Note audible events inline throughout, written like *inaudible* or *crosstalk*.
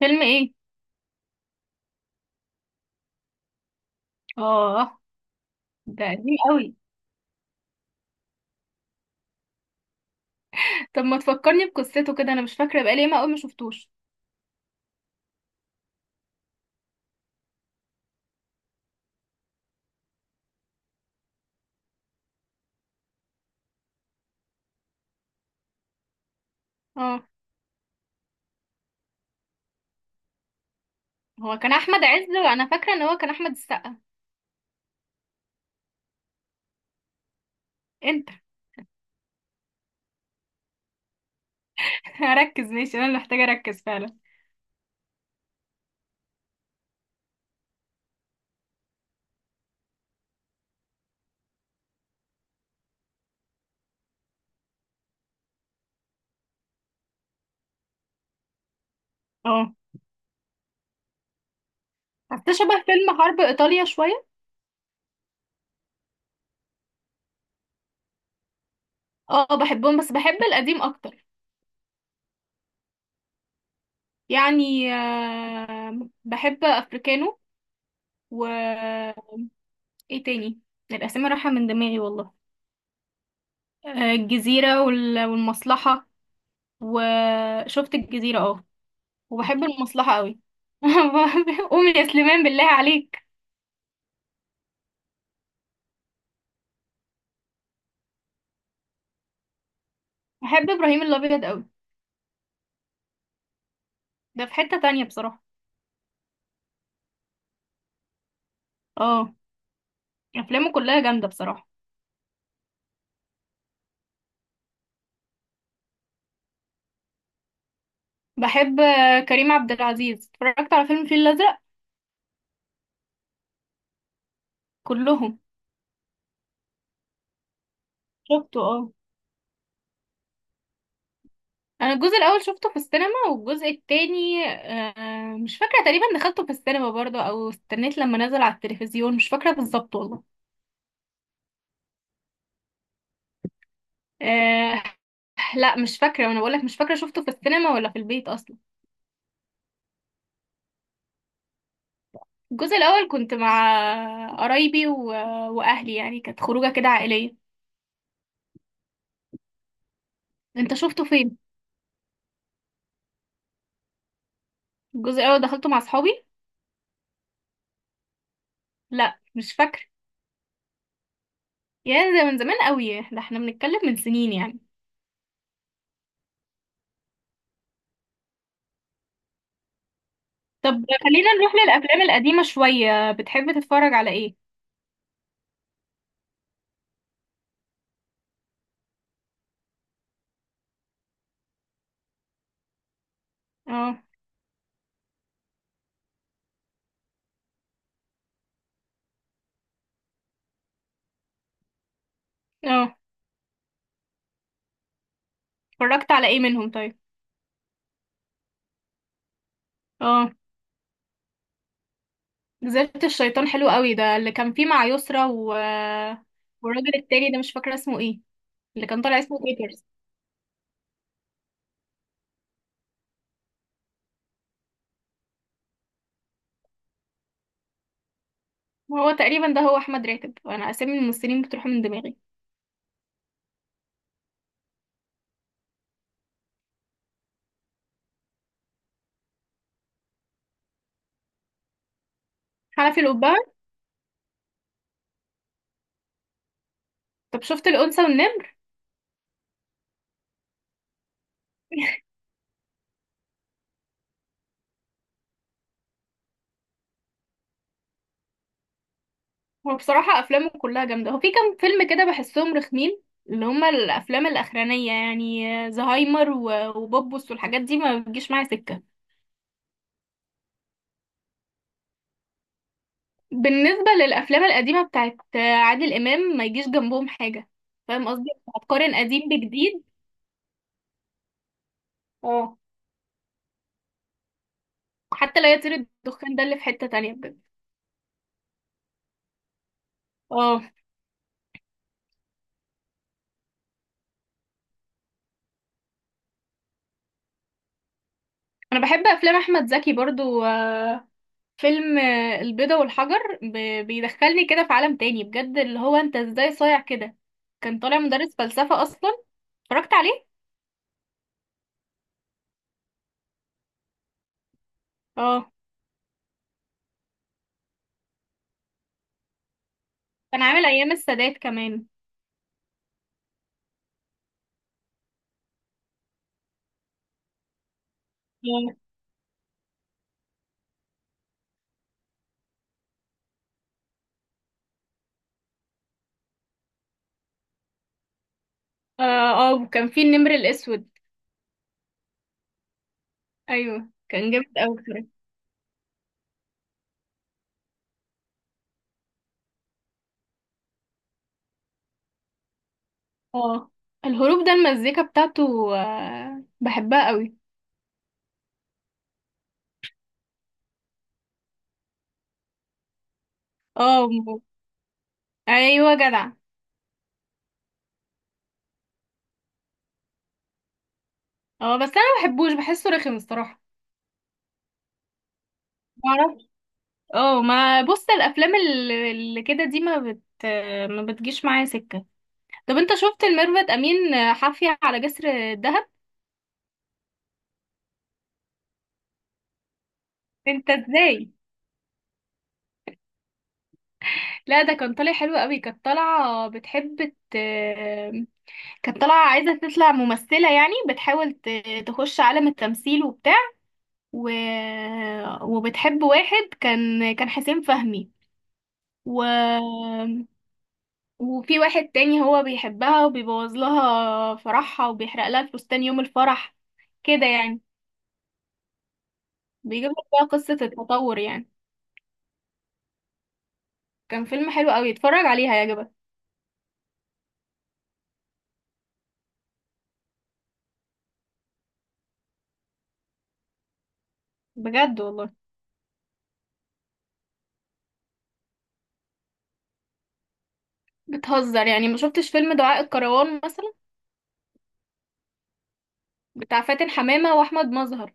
فيلم ايه؟ اه. ده قديم قوي. طب ما تفكرني بقصته كده، انا مش فاكره، بقالي ما قوي ما شفتوش. اه. هو كان احمد عز وانا فاكره ان هو كان احمد السقا. انت. *laughs* ركز ماشي، انا اللي محتاجه اركز فعلا. اه، حتى شبه فيلم حرب ايطاليا شويه. اه، بحبهم بس بحب القديم اكتر. يعني بحب افريكانو و ايه تاني؟ الاسامي رايحه من دماغي والله. الجزيره والمصلحه. وشفت الجزيره، اه. وبحب المصلحة قوي. *laughs* قومي يا سليمان بالله عليك. بحب ابراهيم الابيض قوي. ده في حتة تانية بصراحة. اه. افلامه كلها جامدة بصراحة. بحب كريم عبد العزيز، اتفرجت على فيلم الفيل الازرق. كلهم. شفته، اه. انا الجزء الاول شفته في السينما والجزء التاني مش فاكرة، تقريبا دخلته في السينما برضه او استنيت لما نزل على التلفزيون، مش فاكرة بالظبط والله. أه لا مش فاكرة، وانا بقولك مش فاكرة شفته في السينما ولا في البيت اصلا. الجزء الاول كنت مع قرايبي واهلي، يعني كانت خروجه كده عائليه. انت شفته فين؟ الجزء الاول دخلته مع اصحابي. لا مش فاكره. يعني ده من زمان قوي، ده احنا بنتكلم من سنين يعني. طب خلينا نروح للافلام القديمه شويه، بتحب تتفرج على ايه؟ اه. اه. اتفرجت على ايه منهم طيب؟ اه. جزيرة الشيطان حلو قوي، ده اللي كان فيه مع يسرا والراجل التاني ده مش فاكره اسمه ايه، اللي كان طالع اسمه بيترز. هو تقريبا ده هو احمد راتب، انا اسامي الممثلين بتروح من دماغي. حنفي القبعة. طب شفت الأنثى والنمر؟ هو بصراحة أفلامه كلها جامدة، هو في كام فيلم كده بحسهم رخمين. اللي هما الأفلام الأخرانية يعني. زهايمر وبوبوس والحاجات دي ما بتجيش معايا سكة. بالنسبة للأفلام القديمة بتاعت عادل إمام ما يجيش جنبهم حاجة. فاهم قصدي؟ هتقارن قديم بجديد؟ اه. حتى لا يطير الدخان ده اللي في حتة تانية بجد. اه. أنا بحب أفلام أحمد زكي برضو. فيلم البيضة والحجر بيدخلني كده في عالم تاني بجد، اللي هو انت ازاي صايع كده. كان طالع مدرس فلسفة اصلا. اتفرجت عليه. اه. كان عامل ايام السادات كمان. اه. اه. وكان فيه النمر الاسود. ايوه كان جامد اوي بصراحة. اه. الهروب ده المزيكا بتاعته بحبها قوي. اه، ايوه جدع. اه بس انا ما بحبوش بحسه رخم الصراحه. معرفش. اه، ما بص الافلام اللي كده دي ما بتجيش معايا سكه. طب انت شفت الميرفت امين حافية على جسر الدهب؟ انت ازاي؟ لا ده كان طالع حلو قوي، كانت طالعة بتحب كانت طالعة عايزة تطلع ممثلة، يعني بتحاول تخش عالم التمثيل وبتاع و... وبتحب واحد كان حسين فهمي. و... وفي واحد تاني هو بيحبها وبيبوظ لها فرحها وبيحرق لها الفستان يوم الفرح كده يعني. بيجيب لك بقى قصة التطور يعني. كان فيلم حلو قوي، اتفرج عليه هيعجبك. بجد والله. بتهزر، يعني ما شفتش فيلم دعاء الكروان مثلا؟ بتاع فاتن حمامة واحمد مظهر.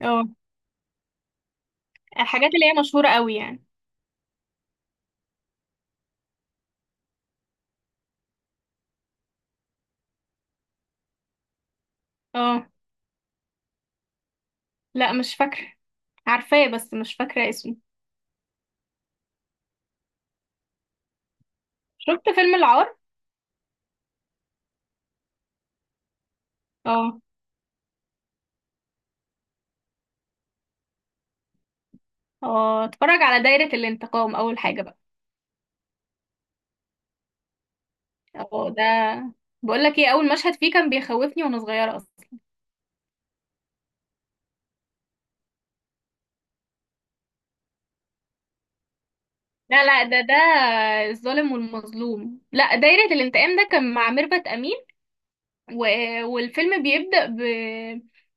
اه. الحاجات اللي هي مشهورة قوي يعني. اه. لا مش فاكرة. عارفاه بس مش فاكرة اسمه. شفت فيلم العار؟ اه. اه. اتفرج على دايرة الانتقام اول حاجة بقى. اه ده. بقولك ايه، اول مشهد فيه كان بيخوفني وانا صغيرة اصلا. لا لا، ده الظالم والمظلوم. لا دايرة الانتقام ده كان مع ميرفت امين و... والفيلم بيبدأ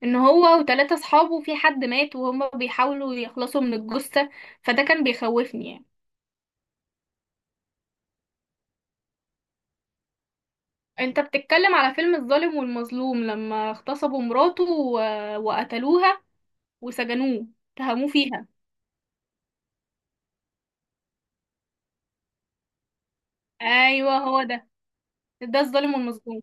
ان هو وثلاثة اصحابه، في حد مات وهم بيحاولوا يخلصوا من الجثة، فده كان بيخوفني يعني. انت بتتكلم على فيلم الظالم والمظلوم لما اغتصبوا مراته وقتلوها وسجنوه، اتهموه فيها. ايوه هو ده، ده الظالم والمظلوم.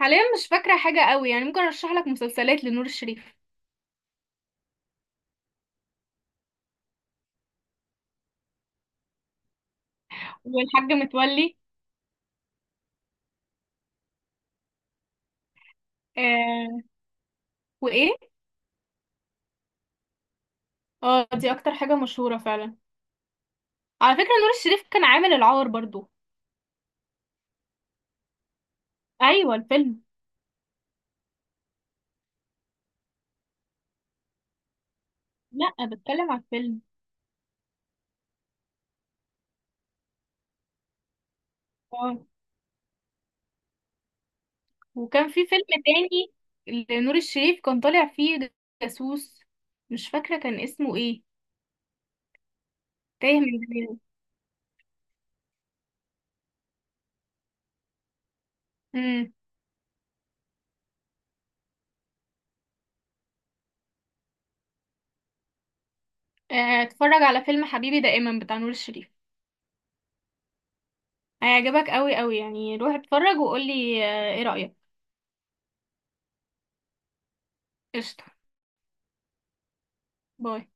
حاليا مش فاكرة حاجة قوي يعني، ممكن ارشح لك مسلسلات لنور الشريف. والحاج متولي. آه... وايه؟ اه، دي اكتر حاجة مشهورة فعلا. على فكرة نور الشريف كان عامل العار برضو. ايوه الفيلم. لا بتكلم على الفيلم. اه. وكان في فيلم تاني لنور الشريف كان طالع فيه جاسوس، مش فاكره كان اسمه ايه، تايه من دماغي. امم. اتفرج على فيلم حبيبي دائما بتاع نور الشريف، هيعجبك قوي قوي يعني، روح اتفرج وقولي ايه رأيك. قشطه. باي.